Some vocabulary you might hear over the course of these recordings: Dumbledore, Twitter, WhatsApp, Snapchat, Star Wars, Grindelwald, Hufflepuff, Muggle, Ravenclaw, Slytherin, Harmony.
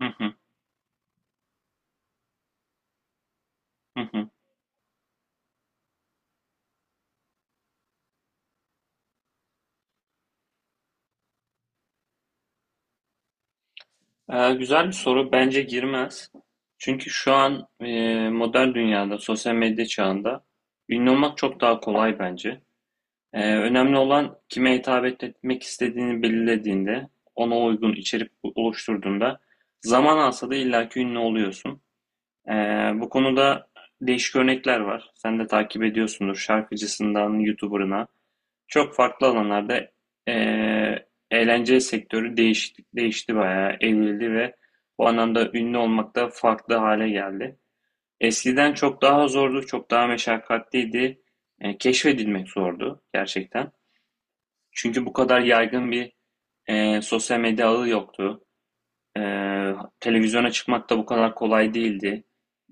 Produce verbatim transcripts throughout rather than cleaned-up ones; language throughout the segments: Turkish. Hı hı, hı hı. Ee, güzel bir soru. Bence girmez. Çünkü şu an e, modern dünyada, sosyal medya çağında ünlü olmak çok daha kolay bence. Ee, önemli olan kime hitap etmek istediğini belirlediğinde, ona uygun içerik oluşturduğunda zaman alsa da illaki ünlü oluyorsun. Ee, Bu konuda değişik örnekler var. Sen de takip ediyorsundur. Şarkıcısından YouTuber'ına. Çok farklı alanlarda eee, eğlence sektörü değişti, değişti bayağı, evrildi ve bu anlamda ünlü olmak da farklı hale geldi. Eskiden çok daha zordu, çok daha meşakkatliydi. E, keşfedilmek zordu gerçekten. Çünkü bu kadar yaygın bir e, sosyal medya ağı yoktu. E, Televizyona çıkmak da bu kadar kolay değildi,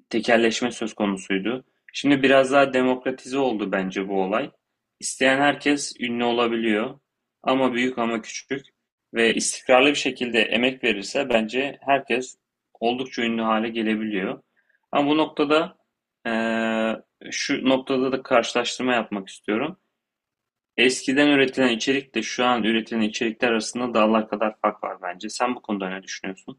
tekelleşme söz konusuydu. Şimdi biraz daha demokratize oldu bence bu olay. İsteyen herkes ünlü olabiliyor. Ama büyük ama küçük ve istikrarlı bir şekilde emek verirse bence herkes oldukça ünlü hale gelebiliyor. Ama bu noktada eee, şu noktada da karşılaştırma yapmak istiyorum. Eskiden üretilen içerikle şu an üretilen içerikler arasında dağlar kadar fark var bence. Sen bu konuda ne düşünüyorsun?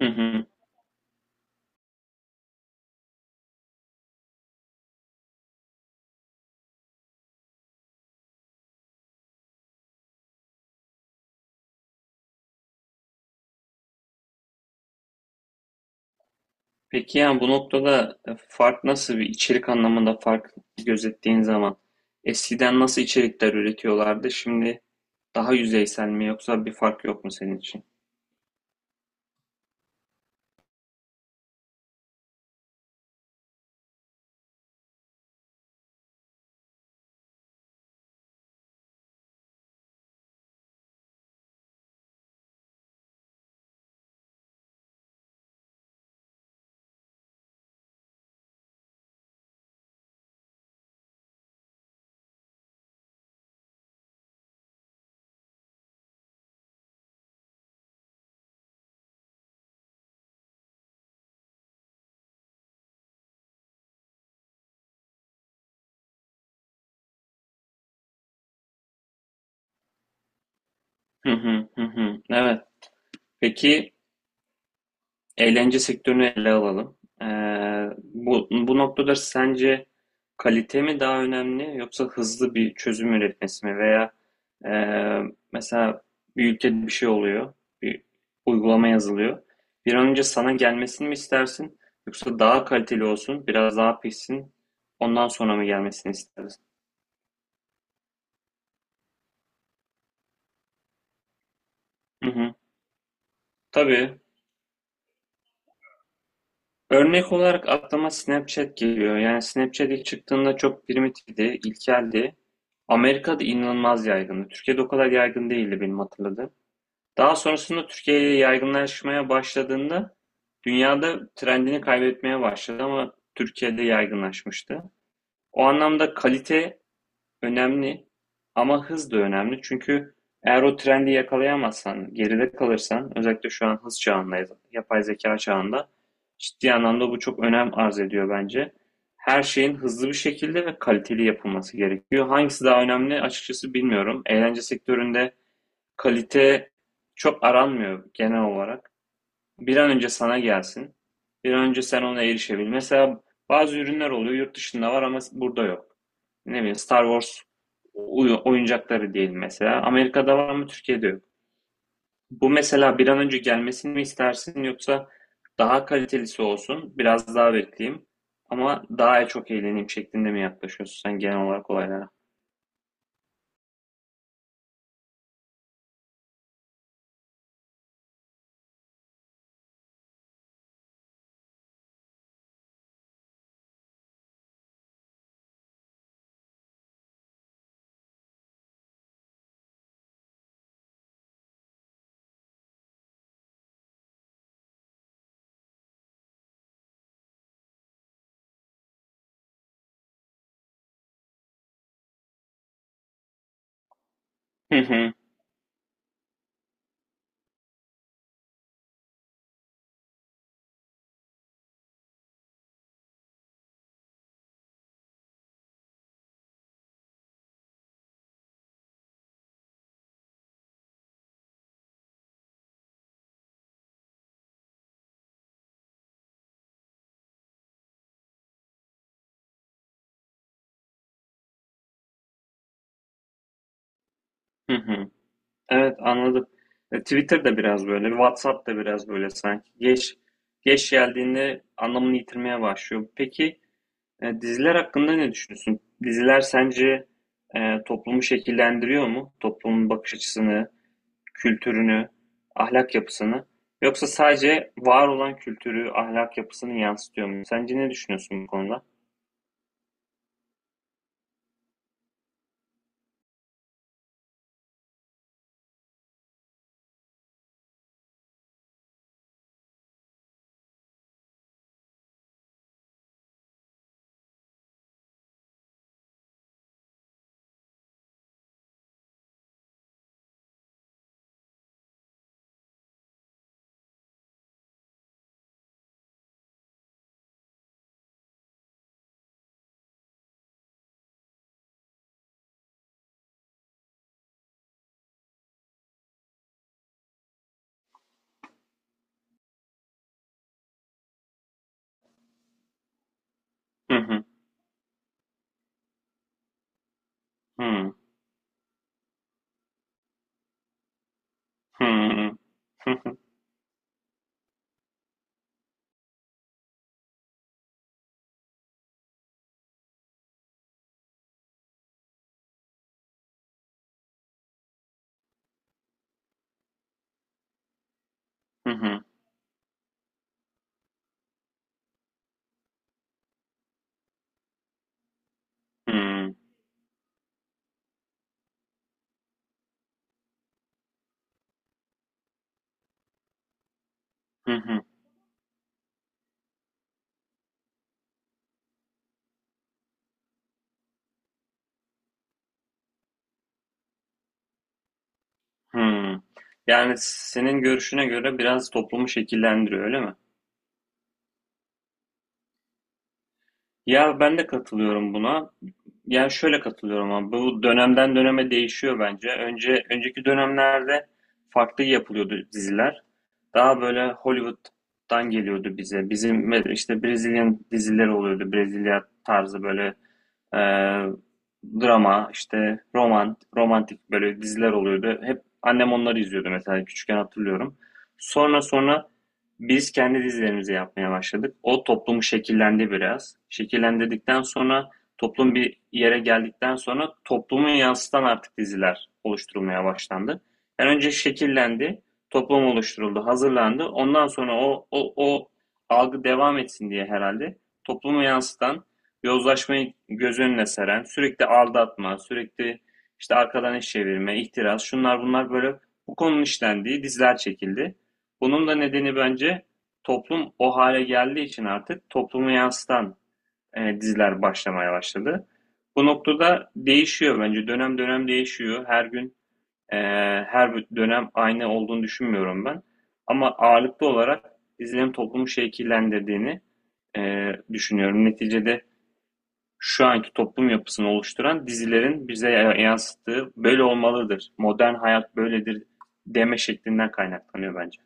Hı hı. Peki, yani bu noktada e, fark, nasıl bir içerik anlamında fark gözettiğin zaman eskiden nasıl içerikler üretiyorlardı, şimdi daha yüzeysel mi yoksa bir fark yok mu senin için? Hı hı hı hı. Evet. Peki, eğlence sektörünü ele alalım. Ee, bu, bu noktada sence kalite mi daha önemli yoksa hızlı bir çözüm üretmesi mi? Veya e, mesela bir ülkede bir şey oluyor, bir uygulama yazılıyor. Bir an önce sana gelmesini mi istersin yoksa daha kaliteli olsun, biraz daha pişsin, ondan sonra mı gelmesini istersin? Hı hı. Tabii. Örnek olarak aklıma Snapchat geliyor. Yani Snapchat ilk çıktığında çok primitifti, ilkeldi. Amerika'da inanılmaz yaygındı. Türkiye'de o kadar yaygın değildi benim hatırladığım. Daha sonrasında Türkiye'ye yaygınlaşmaya başladığında dünyada trendini kaybetmeye başladı ama Türkiye'de yaygınlaşmıştı. O anlamda kalite önemli, ama hız da önemli. Çünkü eğer o trendi yakalayamazsan, geride kalırsan, özellikle şu an hız çağındayız, yapay zeka çağında ciddi anlamda bu çok önem arz ediyor bence. Her şeyin hızlı bir şekilde ve kaliteli yapılması gerekiyor. Hangisi daha önemli açıkçası bilmiyorum. Eğlence sektöründe kalite çok aranmıyor genel olarak. Bir an önce sana gelsin. Bir an önce sen ona erişebil. Mesela bazı ürünler oluyor, yurt dışında var ama burada yok. Ne bileyim, Star Wars oyuncakları diyelim mesela. Amerika'da var, mı Türkiye'de yok. Bu mesela bir an önce gelmesini mi istersin yoksa daha kalitelisi olsun, biraz daha bekleyeyim ama daha çok eğleneyim şeklinde mi yaklaşıyorsun sen genel olarak olaylara? Hı hı, hı hı. Evet, anladım. E, Twitter da biraz böyle, WhatsApp da biraz böyle sanki. Geç geç geldiğinde anlamını yitirmeye başlıyor. Peki, E, diziler hakkında ne düşünüyorsun? Diziler sence e, toplumu şekillendiriyor mu? Toplumun bakış açısını, kültürünü, ahlak yapısını, yoksa sadece var olan kültürü, ahlak yapısını yansıtıyor mu? Sence ne düşünüyorsun bu konuda? Hı hı. Hı hı. Hı hı. Hı hı. Hı hı. Hı hı. Yani senin görüşüne göre biraz toplumu şekillendiriyor, öyle mi? Ya ben de katılıyorum buna. Yani şöyle katılıyorum, ama bu dönemden döneme değişiyor bence. Önce önceki dönemlerde farklı yapılıyordu diziler. Daha böyle Hollywood'dan geliyordu bize. Bizim işte Brezilyan dizileri oluyordu. Brezilya tarzı böyle e, drama, işte roman, romantik böyle diziler oluyordu. Hep annem onları izliyordu mesela, küçükken hatırlıyorum. Sonra sonra biz kendi dizilerimizi yapmaya başladık. O toplumu şekillendi biraz. Şekillendirdikten sonra, toplum bir yere geldikten sonra, toplumu yansıtan artık diziler oluşturulmaya başlandı. Yani önce şekillendi, toplum oluşturuldu, hazırlandı. Ondan sonra o o o algı devam etsin diye herhalde toplumu yansıtan, yozlaşmayı göz önüne seren, sürekli aldatma, sürekli işte arkadan iş çevirme, ihtiras, şunlar bunlar, böyle bu konunun işlendiği diziler çekildi. Bunun da nedeni bence toplum o hale geldiği için artık toplumu yansıtan e, diziler başlamaya başladı. Bu noktada değişiyor bence. Dönem dönem değişiyor. Her gün ee, her dönem aynı olduğunu düşünmüyorum ben. Ama ağırlıklı olarak izlenim toplumu şekillendirdiğini e, düşünüyorum. Neticede şu anki toplum yapısını oluşturan dizilerin bize yansıttığı böyle olmalıdır, modern hayat böyledir deme şeklinden kaynaklanıyor bence.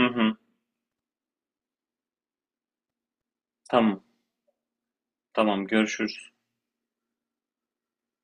Hı hı, tamam, tamam, görüşürüz.